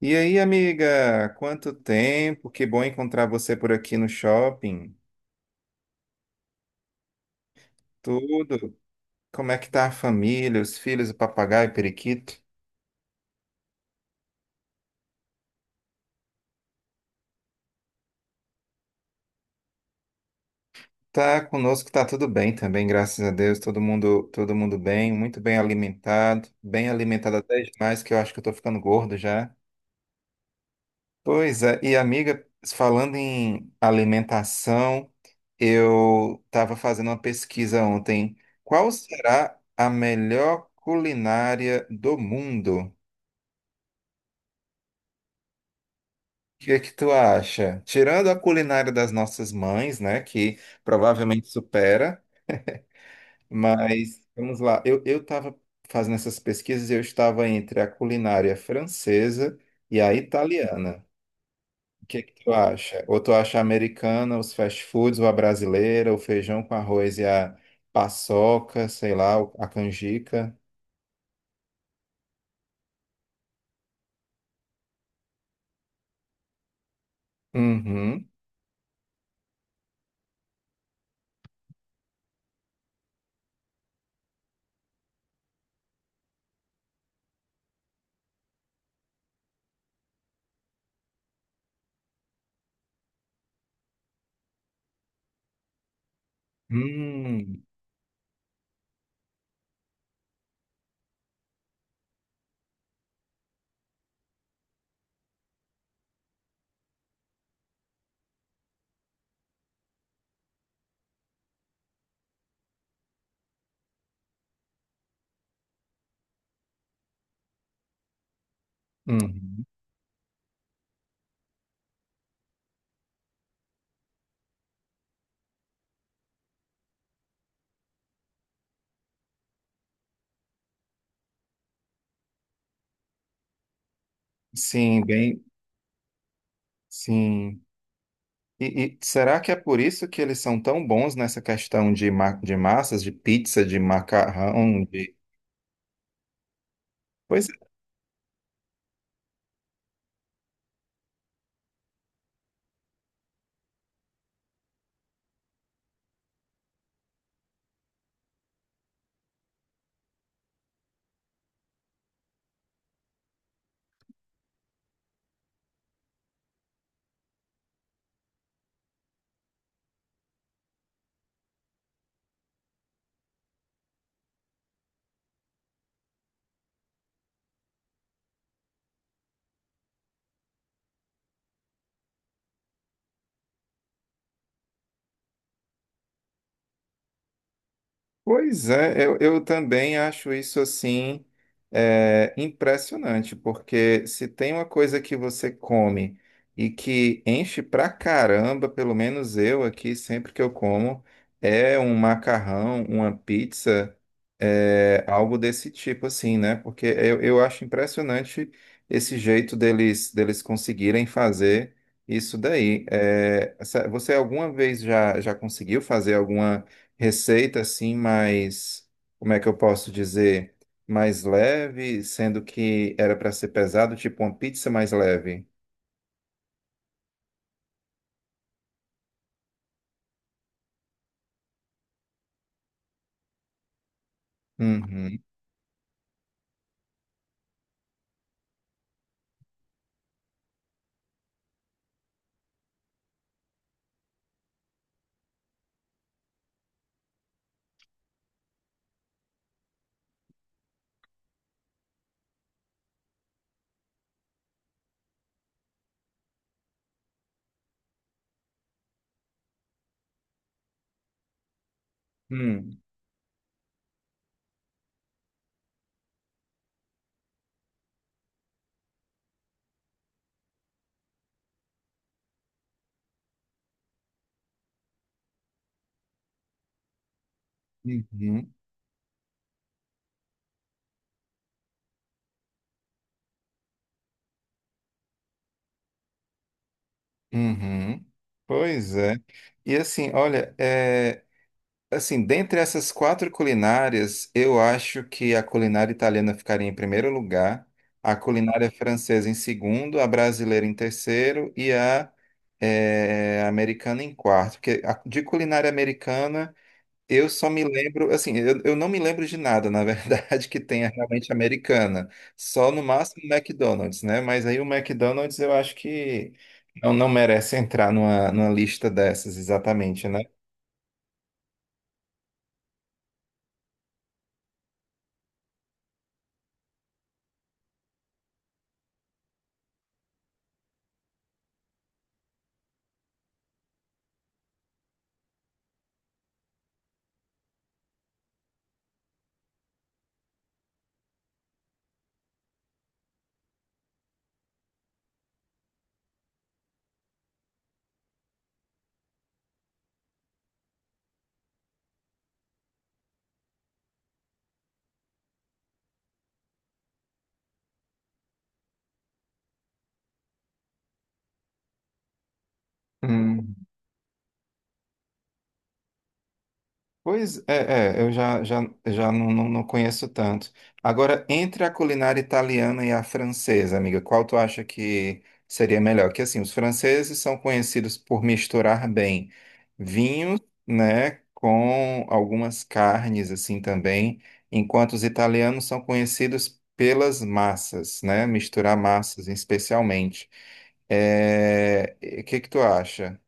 E aí, amiga, quanto tempo? Que bom encontrar você por aqui no shopping. Tudo? Como é que tá a família, os filhos, o papagaio, o periquito? Tá conosco, tá tudo bem também, graças a Deus. Todo mundo bem, muito bem alimentado até demais, que eu acho que eu tô ficando gordo já. Pois é, e amiga, falando em alimentação, eu estava fazendo uma pesquisa ontem. Qual será a melhor culinária do mundo? O que é que tu acha? Tirando a culinária das nossas mães, né, que provavelmente supera, mas vamos lá. Eu estava fazendo essas pesquisas, e eu estava entre a culinária francesa e a italiana. O que é que tu acha? Ou tu acha a americana, os fast foods, ou a brasileira, o feijão com arroz e a paçoca, sei lá, a canjica? Uhum. Hum. Uhum. Sim, bem, sim. E será que é por isso que eles são tão bons nessa questão de, ma de massas, de pizza, de macarrão, de... Pois Pois é, eu também acho isso assim é, impressionante, porque se tem uma coisa que você come e que enche pra caramba, pelo menos eu aqui, sempre que eu como, é um macarrão, uma pizza, é, algo desse tipo assim, né? Porque eu acho impressionante esse jeito deles, deles conseguirem fazer isso daí. É, você alguma vez já, já conseguiu fazer alguma receita assim mais, como é que eu posso dizer, mais leve, sendo que era para ser pesado, tipo uma pizza mais leve. Uhum, uhum, uhum, uhum. Pois é. E assim, olha, é, assim, dentre essas quatro culinárias, eu acho que a culinária italiana ficaria em primeiro lugar, a culinária francesa em segundo, a brasileira em terceiro e a é, americana em quarto, porque de culinária americana eu só me lembro, assim, eu não me lembro de nada, na verdade, que tenha realmente americana. Só no máximo McDonald's, né? Mas aí o McDonald's eu acho que não, não merece entrar numa, numa lista dessas, exatamente, né? Hum. Pois é, é, eu já, já, já não, não, não conheço tanto. Agora, entre a culinária italiana e a francesa, amiga, qual tu acha que seria melhor? Que assim, os franceses são conhecidos por misturar bem vinhos, né, com algumas carnes assim também, enquanto os italianos são conhecidos pelas massas, né, misturar massas especialmente. É, e o que que tu acha?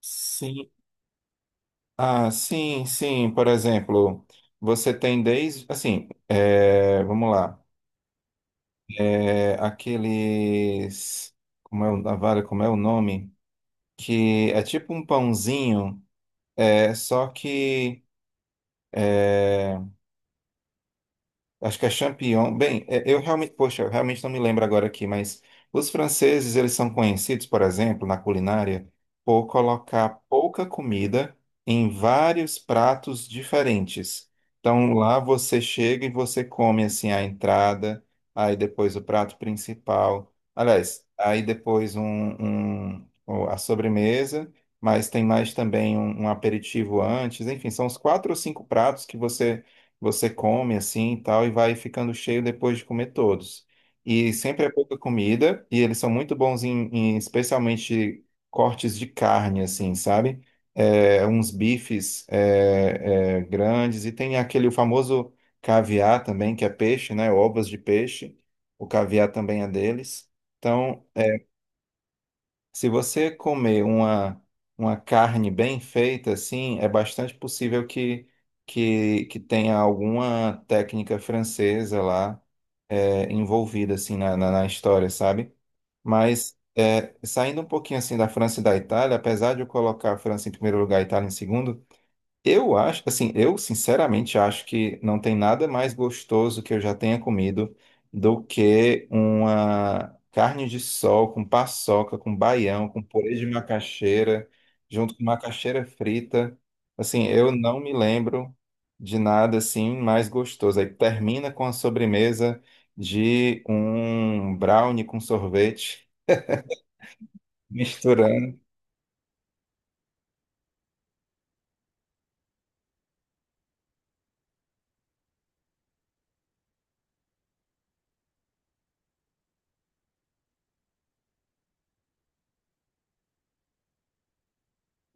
Sim, ah, sim, sim. Por exemplo, você tem desde, assim, é, vamos lá, é, aqueles, como é o, vale, como é o nome? Que é tipo um pãozinho, é só que acho que é champignon. Bem, é, eu realmente, poxa, eu realmente não me lembro agora aqui, mas os franceses, eles são conhecidos, por exemplo, na culinária, por colocar pouca comida em vários pratos diferentes. Então, lá você chega e você come, assim, a entrada, aí depois o prato principal. Aliás, aí depois um, a sobremesa, mas tem mais também um aperitivo antes. Enfim, são os quatro ou cinco pratos que você come assim e tal, e vai ficando cheio depois de comer todos. E sempre é pouca comida, e eles são muito bons em, em especialmente cortes de carne, assim, sabe? É, uns bifes é, é, grandes, e tem aquele famoso caviar também, que é peixe, né? Ovas de peixe. O caviar também é deles. Então. Se você comer uma carne bem feita, assim, é bastante possível que tenha alguma técnica francesa lá é, envolvida, assim, na, na, na história, sabe? Mas é, saindo um pouquinho, assim, da França e da Itália, apesar de eu colocar a França em primeiro lugar e a Itália em segundo, eu acho, assim, eu sinceramente acho que não tem nada mais gostoso que eu já tenha comido do que uma carne de sol com paçoca, com baião, com purê de macaxeira, junto com macaxeira frita. Assim, eu não me lembro de nada assim mais gostoso. Aí termina com a sobremesa de um brownie com sorvete, misturando.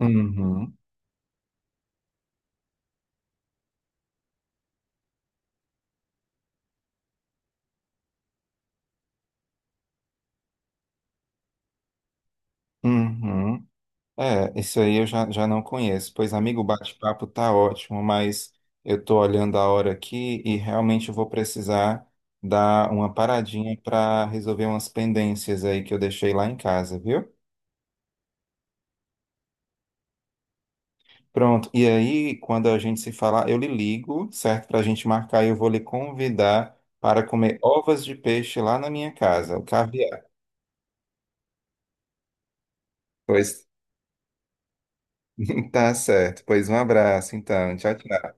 Uhum, uhum. É, isso aí eu já, já não conheço. Pois, amigo, o bate-papo tá ótimo, mas eu tô olhando a hora aqui e realmente eu vou precisar dar uma paradinha para resolver umas pendências aí que eu deixei lá em casa, viu? Pronto. E aí, quando a gente se falar, eu lhe ligo, certo? Para a gente marcar e eu vou lhe convidar para comer ovas de peixe lá na minha casa, o caviar. Pois, tá certo. Pois um abraço, então. Tchau, tchau.